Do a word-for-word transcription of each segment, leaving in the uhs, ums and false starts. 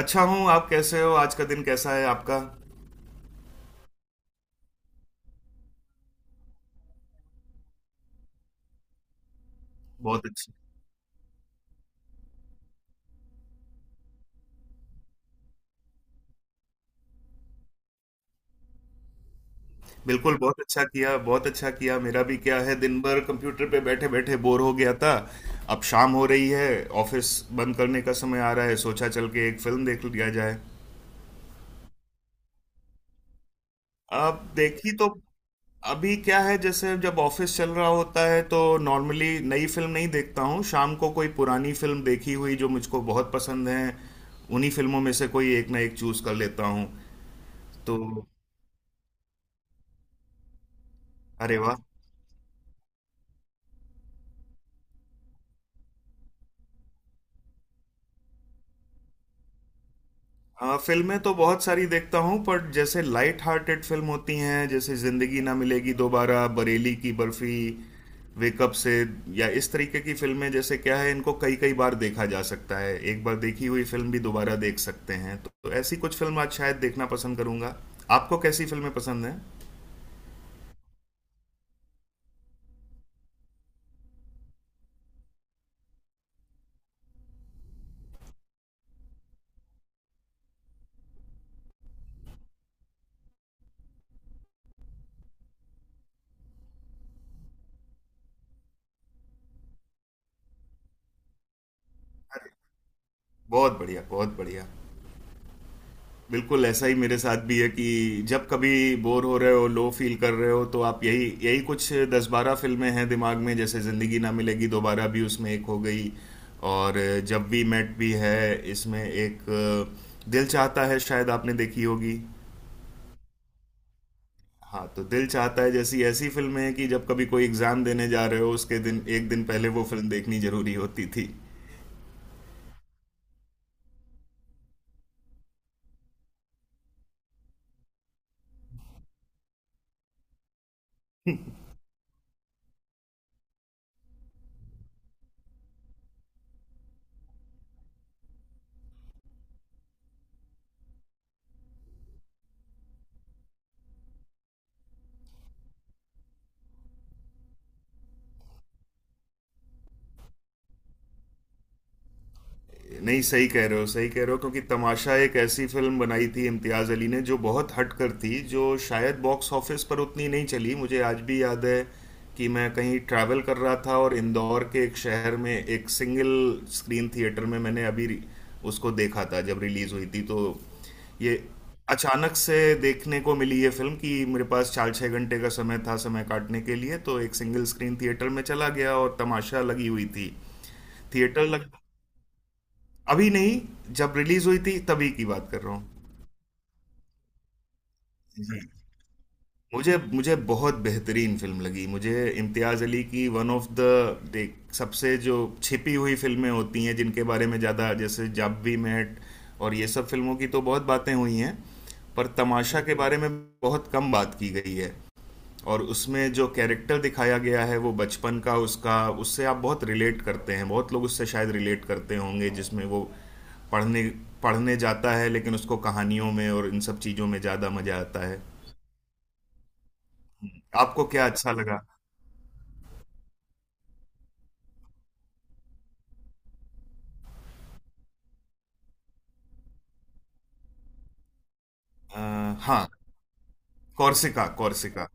अच्छा हूँ। आप कैसे हो? आज का दिन कैसा है आपका? बहुत अच्छा। बिल्कुल, बहुत अच्छा किया, बहुत अच्छा किया। मेरा भी क्या है, दिन भर कंप्यूटर पे बैठे बैठे बोर हो गया था। अब शाम हो रही है, ऑफिस बंद करने का समय आ रहा है। सोचा चल के एक फिल्म देख लिया जाए। अब देखी तो अभी क्या है, जैसे जब ऑफिस चल रहा होता है तो नॉर्मली नई फिल्म नहीं देखता हूँ। शाम को कोई पुरानी फिल्म, देखी हुई जो मुझको बहुत पसंद है, उन्हीं फिल्मों में से कोई एक ना एक चूज कर लेता हूँ तो। अरे वाह। हाँ, फिल्में तो बहुत सारी देखता हूँ, पर जैसे लाइट हार्टेड फिल्म होती हैं जैसे ज़िंदगी ना मिलेगी दोबारा, बरेली की बर्फी, वेकअप से, या इस तरीके की फिल्में, जैसे क्या है इनको कई कई बार देखा जा सकता है, एक बार देखी हुई फिल्म भी दोबारा देख सकते हैं तो, तो ऐसी कुछ फिल्म आज शायद देखना पसंद करूंगा। आपको कैसी फिल्में पसंद हैं? बहुत बढ़िया, बहुत बढ़िया। बिल्कुल ऐसा ही मेरे साथ भी है कि जब कभी बोर हो रहे हो, लो फील कर रहे हो, तो आप यही यही कुछ दस बारह फिल्में हैं दिमाग में, जैसे ज़िंदगी ना मिलेगी दोबारा भी उसमें एक हो गई। और जब वी मेट भी है इसमें एक। दिल चाहता है, शायद आपने देखी होगी। हाँ, तो दिल चाहता है जैसी ऐसी फिल्में हैं कि जब कभी कोई एग्ज़ाम देने जा रहे हो, उसके दिन, एक दिन पहले वो फिल्म देखनी ज़रूरी होती थी। नहीं, सही कह रहे हो, सही कह रहे हो, क्योंकि तमाशा एक ऐसी फिल्म बनाई थी इम्तियाज़ अली ने जो बहुत हट कर थी, जो शायद बॉक्स ऑफिस पर उतनी नहीं चली। मुझे आज भी याद है कि मैं कहीं ट्रैवल कर रहा था और इंदौर के एक शहर में एक सिंगल स्क्रीन थिएटर में मैंने अभी रि- उसको देखा था जब रिलीज़ हुई थी तो। ये अचानक से देखने को मिली ये फिल्म कि मेरे पास चार छः घंटे का समय था, समय काटने के लिए तो एक सिंगल स्क्रीन थिएटर में चला गया और तमाशा लगी हुई थी। थिएटर लग अभी नहीं, जब रिलीज हुई थी तभी की बात कर रहा हूँ। मुझे मुझे बहुत बेहतरीन फिल्म लगी। मुझे इम्तियाज़ अली की वन ऑफ द देख, सबसे जो छिपी हुई फिल्में होती हैं जिनके बारे में ज़्यादा, जैसे जब वी मेट और ये सब फिल्मों की तो बहुत बातें हुई हैं, पर तमाशा के बारे में बहुत कम बात की गई है। और उसमें जो कैरेक्टर दिखाया गया है, वो बचपन का उसका, उससे आप बहुत रिलेट करते हैं, बहुत लोग उससे शायद रिलेट करते होंगे, जिसमें वो पढ़ने पढ़ने जाता है लेकिन उसको कहानियों में और इन सब चीज़ों में ज़्यादा मज़ा आता है। आपको क्या अच्छा लगा? अ, हाँ, कॉर्सिका, कॉर्सिका।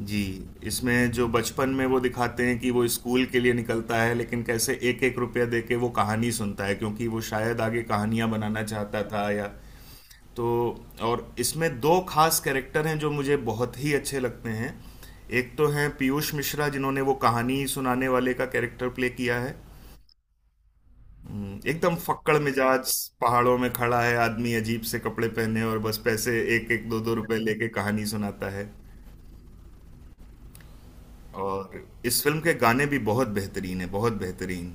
जी, इसमें जो बचपन में वो दिखाते हैं कि वो स्कूल के लिए निकलता है, लेकिन कैसे एक एक रुपया दे के वो कहानी सुनता है, क्योंकि वो शायद आगे कहानियां बनाना चाहता था या तो। और इसमें दो खास कैरेक्टर हैं जो मुझे बहुत ही अच्छे लगते हैं। एक तो हैं पीयूष मिश्रा, जिन्होंने वो कहानी सुनाने वाले का कैरेक्टर प्ले किया है। एकदम फक्कड़ मिजाज, पहाड़ों में खड़ा है आदमी, अजीब से कपड़े पहने, और बस पैसे एक एक दो दो रुपए लेके कहानी सुनाता है। और इस फिल्म के गाने भी बहुत बेहतरीन है, बहुत बेहतरीन।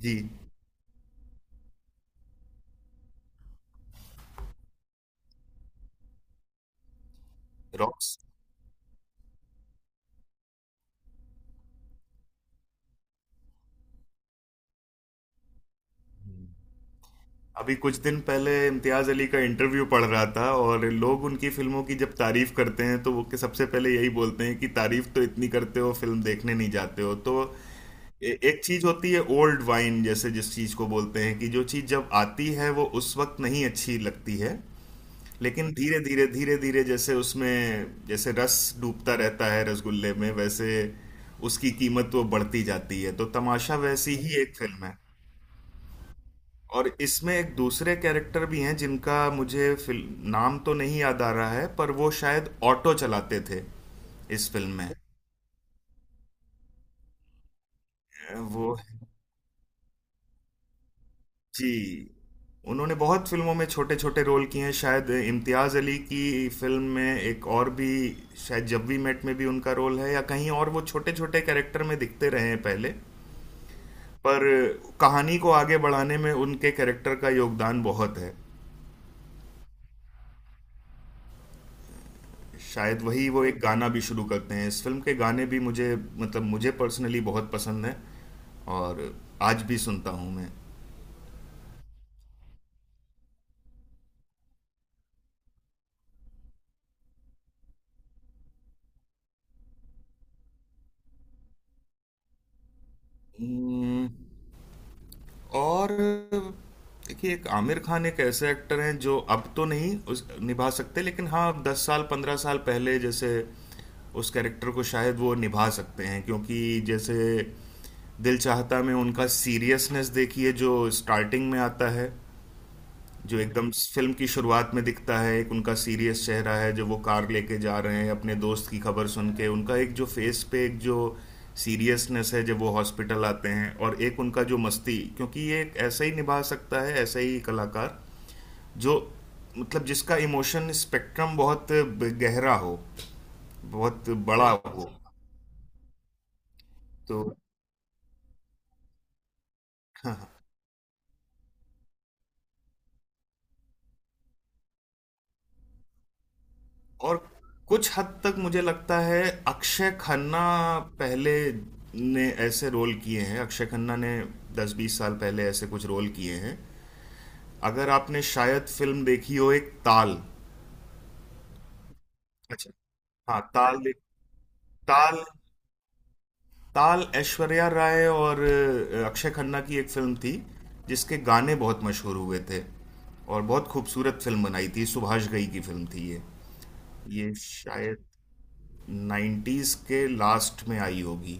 जी। रॉक्स। अभी कुछ दिन पहले इम्तियाज अली का इंटरव्यू पढ़ रहा था, और लोग उनकी फिल्मों की जब तारीफ करते हैं तो वो के सबसे पहले यही बोलते हैं कि तारीफ तो इतनी करते हो, फिल्म देखने नहीं जाते हो तो। ए- एक चीज होती है ओल्ड वाइन जैसे, जिस चीज को बोलते हैं कि जो चीज जब आती है वो उस वक्त नहीं अच्छी लगती है, लेकिन धीरे धीरे धीरे धीरे जैसे उसमें, जैसे रस डूबता रहता है रसगुल्ले में, वैसे उसकी कीमत वो बढ़ती जाती है, तो तमाशा वैसी ही एक फिल्म है। और इसमें एक दूसरे कैरेक्टर भी हैं जिनका मुझे फिल्म नाम तो नहीं याद आ रहा है, पर वो शायद ऑटो चलाते थे इस फिल्म में। अ, वो जी, उन्होंने बहुत फिल्मों में छोटे छोटे रोल किए हैं, शायद इम्तियाज़ अली की फिल्म में एक और भी, शायद जब वी मेट में भी उनका रोल है, या कहीं और वो छोटे छोटे कैरेक्टर में दिखते रहे हैं पहले। पर कहानी को आगे बढ़ाने में उनके कैरेक्टर का योगदान बहुत है। शायद वही वो एक गाना भी शुरू करते हैं। इस फ़िल्म के गाने भी मुझे, मतलब मुझे पर्सनली बहुत पसंद हैं, और आज भी सुनता हूँ मैं। उम्म, और देखिए, एक आमिर खान एक ऐसे एक्टर हैं जो अब तो नहीं उस निभा सकते, लेकिन हाँ दस साल पंद्रह साल पहले जैसे उस कैरेक्टर को शायद वो निभा सकते हैं, क्योंकि जैसे दिल चाहता में उनका सीरियसनेस देखिए जो स्टार्टिंग में आता है, जो एकदम फिल्म की शुरुआत में दिखता है। एक उनका सीरियस चेहरा है जो वो कार लेके जा रहे हैं अपने दोस्त की खबर सुन के, उनका एक जो फेस पे एक जो सीरियसनेस है जब वो हॉस्पिटल आते हैं, और एक उनका जो मस्ती, क्योंकि ये एक ऐसा ही निभा सकता है, ऐसा ही कलाकार जो, मतलब जिसका इमोशन स्पेक्ट्रम बहुत गहरा हो, बहुत बड़ा हो तो। और कुछ हद तक मुझे लगता है अक्षय खन्ना, पहले ने ऐसे रोल किए हैं, अक्षय खन्ना ने दस बीस साल पहले ऐसे कुछ रोल किए हैं। अगर आपने शायद फिल्म देखी हो, एक ताल। अच्छा। हाँ ताल देख ताल, ताल ऐश्वर्या राय और अ, अक्षय खन्ना की एक फिल्म थी, जिसके गाने बहुत मशहूर हुए थे, और बहुत खूबसूरत फिल्म बनाई थी, सुभाष घई की फिल्म थी ये। ये शायद नाइंटीज़ के लास्ट में आई होगी।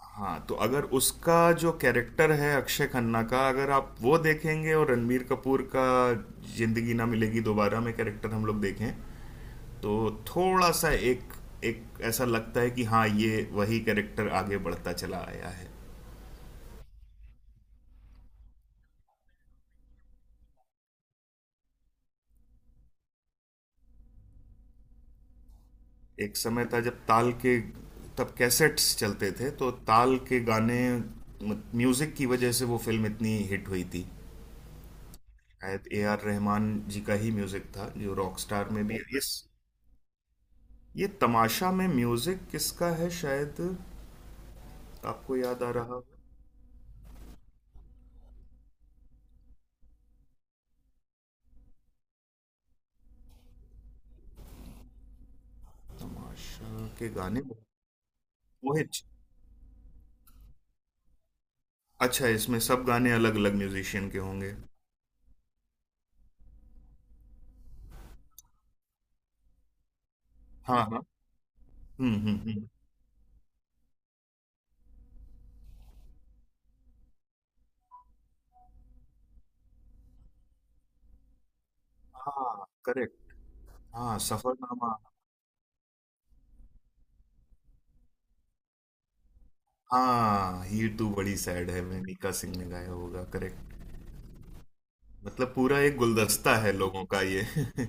हाँ, तो अगर उसका जो कैरेक्टर है अक्षय खन्ना का, अगर आप वो देखेंगे, और रणबीर कपूर का जिंदगी ना मिलेगी दोबारा में कैरेक्टर हम लोग देखें, तो थोड़ा सा एक, एक ऐसा लगता है कि हाँ, ये वही कैरेक्टर आगे बढ़ता चला आया है। एक समय था जब ताल के, तब कैसेट्स चलते थे तो ताल के गाने, म्यूजिक की वजह से वो फिल्म इतनी हिट हुई थी। शायद ए आर रहमान जी का ही म्यूजिक था, जो रॉकस्टार में भी इस, ये तमाशा में म्यूजिक किसका है शायद, आपको याद आ रहा हो? तमाशा के गाने। मोहित। अच्छा, इसमें सब गाने अलग अलग म्यूजिशियन के होंगे। हाँ, हाँ। हम्म, हम्म, हम्म। हाँ, करेक्ट। हाँ, सफरनामा। हाँ, ये तो बड़ी सैड है, मैं, मीका सिंह ने गाया होगा, करेक्ट। मतलब पूरा एक गुलदस्ता है लोगों का ये।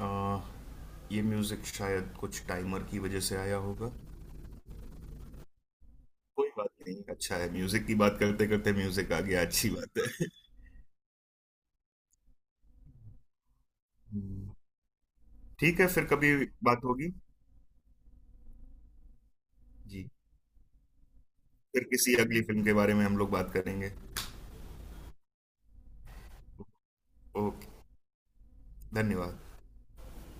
आ, ये म्यूजिक शायद कुछ टाइमर की वजह से आया होगा। कोई बात नहीं, अच्छा है, म्यूजिक की बात करते करते म्यूजिक आ गया, अच्छी बात है। ठीक है, फिर कभी बात होगी। जी, फिर किसी अगली फिल्म के बारे में हम लोग बात करेंगे। ओके, धन्यवाद।